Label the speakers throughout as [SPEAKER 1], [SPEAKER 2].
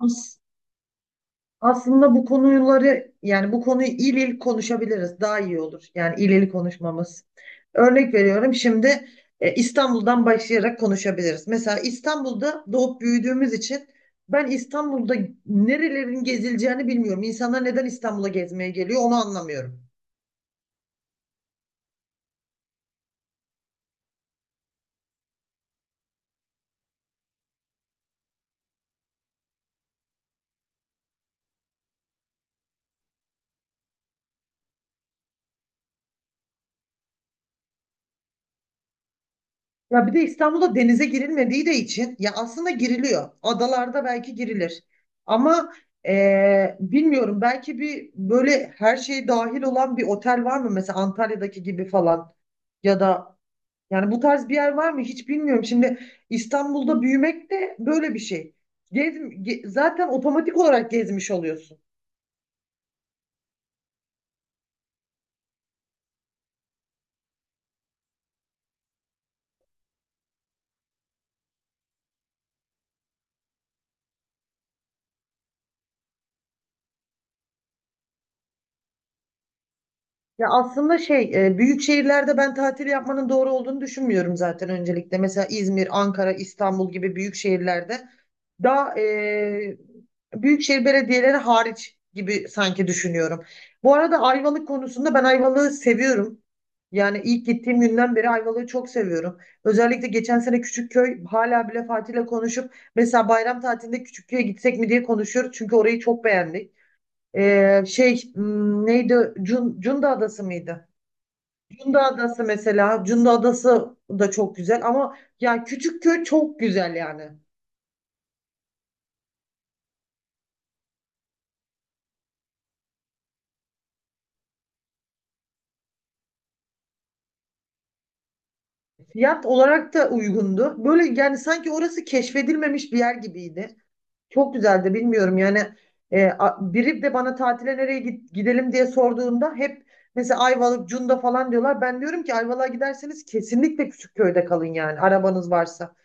[SPEAKER 1] As- Aslında bu konuları bu konuyu il il konuşabiliriz. Daha iyi olur. Yani il il konuşmamız. Örnek veriyorum şimdi İstanbul'dan başlayarak konuşabiliriz. Mesela İstanbul'da doğup büyüdüğümüz için ben İstanbul'da nerelerin gezileceğini bilmiyorum. İnsanlar neden İstanbul'a gezmeye geliyor onu anlamıyorum. Ya bir de İstanbul'da denize girilmediği de için ya aslında giriliyor. Adalarda belki girilir. Ama bilmiyorum belki bir böyle her şey dahil olan bir otel var mı? Mesela Antalya'daki gibi falan. Ya da yani bu tarz bir yer var mı? Hiç bilmiyorum. Şimdi İstanbul'da büyümek de böyle bir şey. Zaten otomatik olarak gezmiş oluyorsun. Ya aslında şey büyük şehirlerde ben tatil yapmanın doğru olduğunu düşünmüyorum zaten öncelikle. Mesela İzmir, Ankara, İstanbul gibi büyük şehirlerde daha büyükşehir belediyeleri hariç gibi sanki düşünüyorum. Bu arada Ayvalık konusunda ben Ayvalık'ı seviyorum. Yani ilk gittiğim günden beri Ayvalık'ı çok seviyorum. Özellikle geçen sene Küçükköy hala bile Fatih'le konuşup mesela bayram tatilinde Küçükköy'e gitsek mi diye konuşuyoruz. Çünkü orayı çok beğendik. Şey neydi? Cunda Adası mıydı? Cunda Adası mesela. Cunda Adası da çok güzel ama ya Küçükköy çok güzel yani. Fiyat olarak da uygundu. Böyle yani sanki orası keşfedilmemiş bir yer gibiydi. Çok güzeldi bilmiyorum yani. Biri de bana tatile nereye gidelim diye sorduğunda hep mesela Ayvalık, Cunda falan diyorlar. Ben diyorum ki Ayvalık'a giderseniz kesinlikle Küçükköy'de kalın yani arabanız varsa.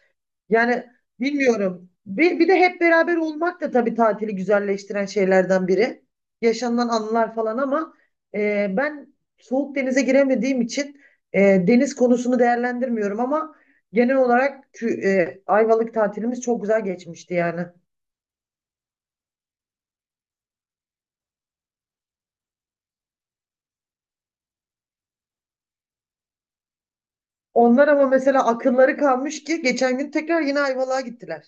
[SPEAKER 1] Yani bilmiyorum. Bir de hep beraber olmak da tabii tatili güzelleştiren şeylerden biri. Yaşanılan anılar falan ama ben soğuk denize giremediğim için e, deniz konusunu değerlendirmiyorum ama genel olarak Ayvalık tatilimiz çok güzel geçmişti yani. Onlar ama mesela akılları kalmış ki geçen gün tekrar yine Ayvalık'a gittiler.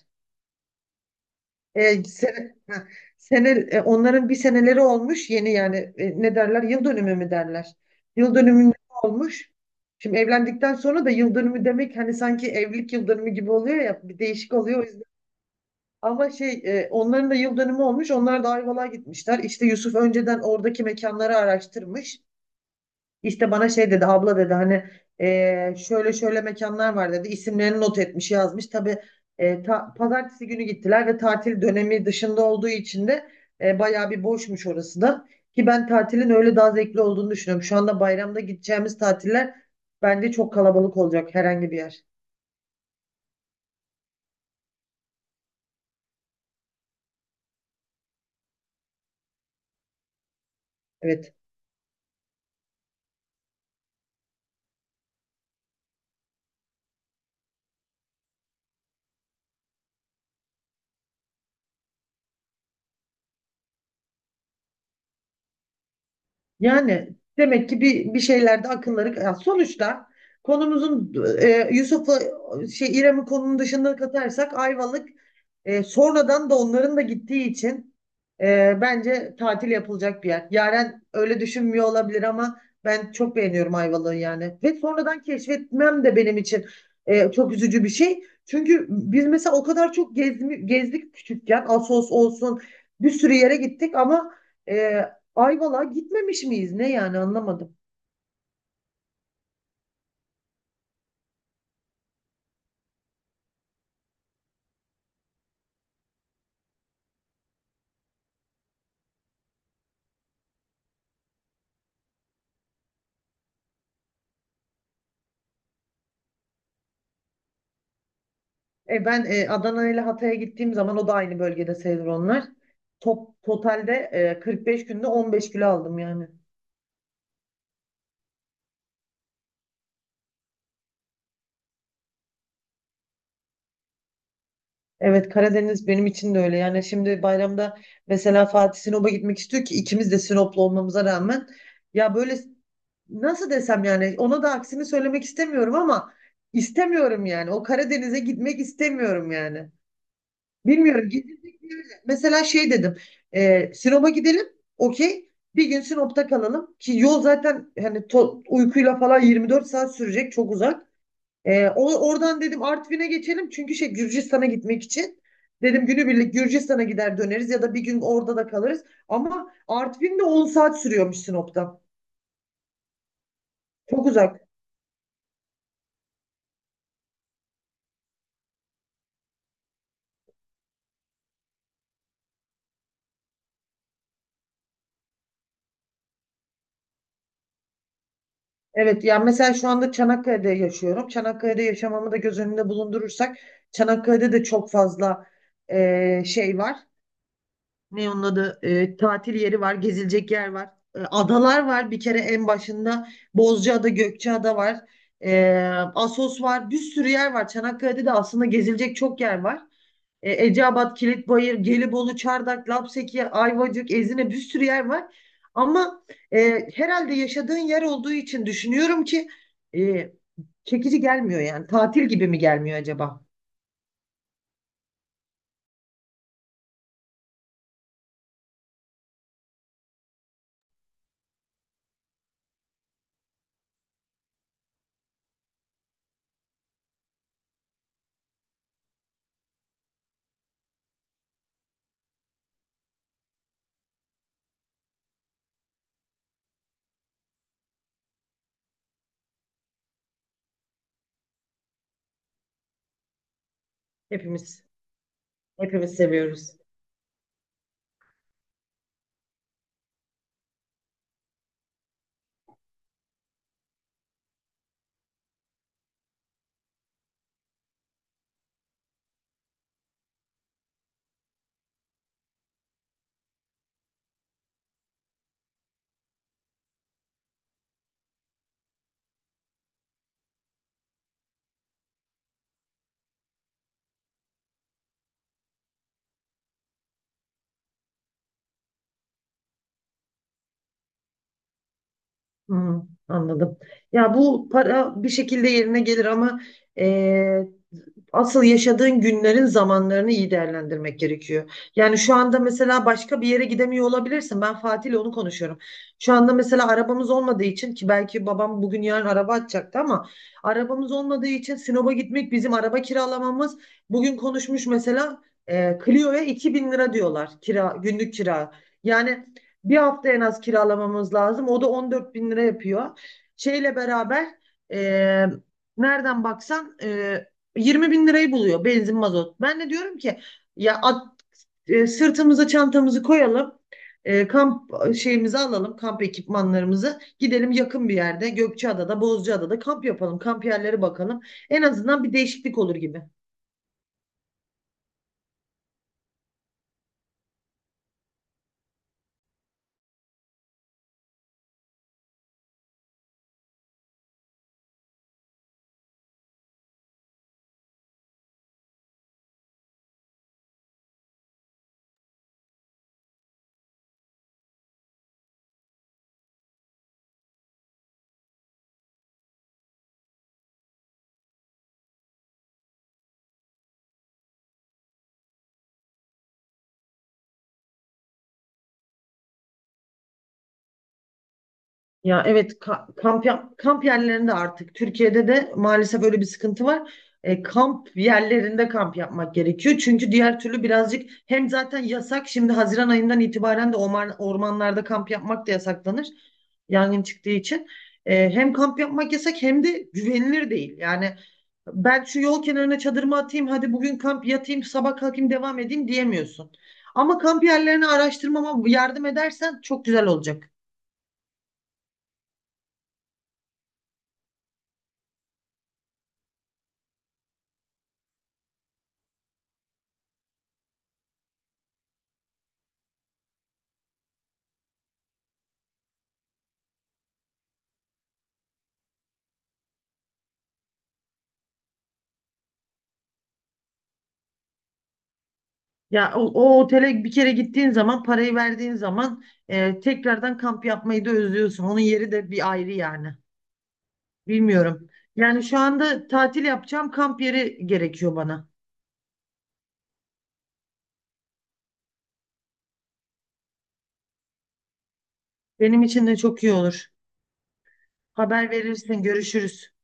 [SPEAKER 1] E, sene, ha, sene, e, onların bir seneleri olmuş yeni yani ne derler yıl dönümü mü derler. Yıl dönümü olmuş. Şimdi evlendikten sonra da yıl dönümü demek hani sanki evlilik yıl dönümü gibi oluyor ya bir değişik oluyor o yüzden. Ama şey onların da yıl dönümü olmuş onlar da Ayvalık'a gitmişler. İşte Yusuf önceden oradaki mekanları araştırmış. İşte bana şey dedi abla dedi hani şöyle şöyle mekanlar var dedi isimlerini not etmiş yazmış tabii pazartesi günü gittiler ve tatil dönemi dışında olduğu için de bayağı bir boşmuş orası da ki ben tatilin öyle daha zevkli olduğunu düşünüyorum şu anda bayramda gideceğimiz tatiller bence çok kalabalık olacak herhangi bir yer. Evet. Yani demek ki bir şeylerde akılları ya sonuçta konumuzun Yusuf'la şey İrem'in konunun dışında katarsak Ayvalık sonradan da onların da gittiği için bence tatil yapılacak bir yer. Yaren öyle düşünmüyor olabilir ama ben çok beğeniyorum Ayvalık'ı yani. Ve sonradan keşfetmem de benim için çok üzücü bir şey. Çünkü biz mesela o kadar çok gezdik küçükken Assos olsun bir sürü yere gittik ama e, Ayvalık'a gitmemiş miyiz? Ne yani anlamadım. Ben Adana ile Hatay'a gittiğim zaman o da aynı bölgede sayılır onlar. Totalde 45 günde 15 kilo aldım yani. Evet, Karadeniz benim için de öyle. Yani şimdi bayramda mesela Fatih Sinop'a gitmek istiyor ki ikimiz de Sinoplu olmamıza rağmen. Ya böyle nasıl desem yani ona da aksini söylemek istemiyorum ama istemiyorum yani. O Karadeniz'e gitmek istemiyorum yani. Bilmiyorum gezecek bir yer- mesela şey dedim. E, Sinop'a gidelim. Okey. Bir gün Sinop'ta kalalım. Ki yol zaten hani uykuyla falan 24 saat sürecek. Çok uzak. Oradan dedim Artvin'e geçelim. Çünkü şey Gürcistan'a gitmek için. Dedim günübirlik Gürcistan'a gider döneriz ya da bir gün orada da kalırız. Ama Artvin de 10 saat sürüyormuş Sinop'tan. Çok uzak. Evet yani mesela şu anda Çanakkale'de yaşıyorum. Çanakkale'de yaşamamı da göz önünde bulundurursak Çanakkale'de de çok fazla şey var. Ne onun adı? E, tatil yeri var, gezilecek yer var. E, adalar var bir kere en başında. Bozcaada, Gökçeada var. E, Assos var. Bir sürü yer var. Çanakkale'de de aslında gezilecek çok yer var. E, Eceabat, Kilitbayır, Gelibolu, Çardak, Lapseki, Ayvacık, Ezine bir sürü yer var. Ama e, herhalde yaşadığın yer olduğu için düşünüyorum ki e, çekici gelmiyor yani. Tatil gibi mi gelmiyor acaba? Hepimiz hepimiz seviyoruz. Hı, anladım. Ya bu para bir şekilde yerine gelir ama e, asıl yaşadığın günlerin zamanlarını iyi değerlendirmek gerekiyor. Yani şu anda mesela başka bir yere gidemiyor olabilirsin. Ben Fatih ile onu konuşuyorum. Şu anda mesela arabamız olmadığı için ki belki babam bugün yarın araba atacaktı ama arabamız olmadığı için Sinop'a gitmek bizim araba kiralamamız bugün konuşmuş mesela Clio'ya 2.000 lira diyorlar kira günlük kira. Yani bir hafta en az kiralamamız lazım. O da 14 bin lira yapıyor. Şeyle beraber e, nereden baksan 20 bin lirayı buluyor benzin mazot. Ben de diyorum ki ya at, sırtımıza çantamızı koyalım. E, kamp şeyimizi alalım, kamp ekipmanlarımızı. Gidelim yakın bir yerde Gökçeada'da, Bozcaada'da kamp yapalım. Kamp yerleri bakalım. En azından bir değişiklik olur gibi. Ya evet kamp yerlerinde artık Türkiye'de de maalesef öyle bir sıkıntı var. E, kamp yerlerinde kamp yapmak gerekiyor. Çünkü diğer türlü birazcık hem zaten yasak şimdi Haziran ayından itibaren de ormanlarda kamp yapmak da yasaklanır. Yangın çıktığı için. E, hem kamp yapmak yasak hem de güvenilir değil. Yani ben şu yol kenarına çadırımı atayım hadi bugün kamp yatayım sabah kalkayım devam edeyim diyemiyorsun. Ama kamp yerlerini araştırmama yardım edersen çok güzel olacak. Ya o otele bir kere gittiğin zaman parayı verdiğin zaman tekrardan kamp yapmayı da özlüyorsun. Onun yeri de bir ayrı yani. Bilmiyorum. Yani şu anda tatil yapacağım kamp yeri gerekiyor bana. Benim için de çok iyi olur. Haber verirsin, görüşürüz.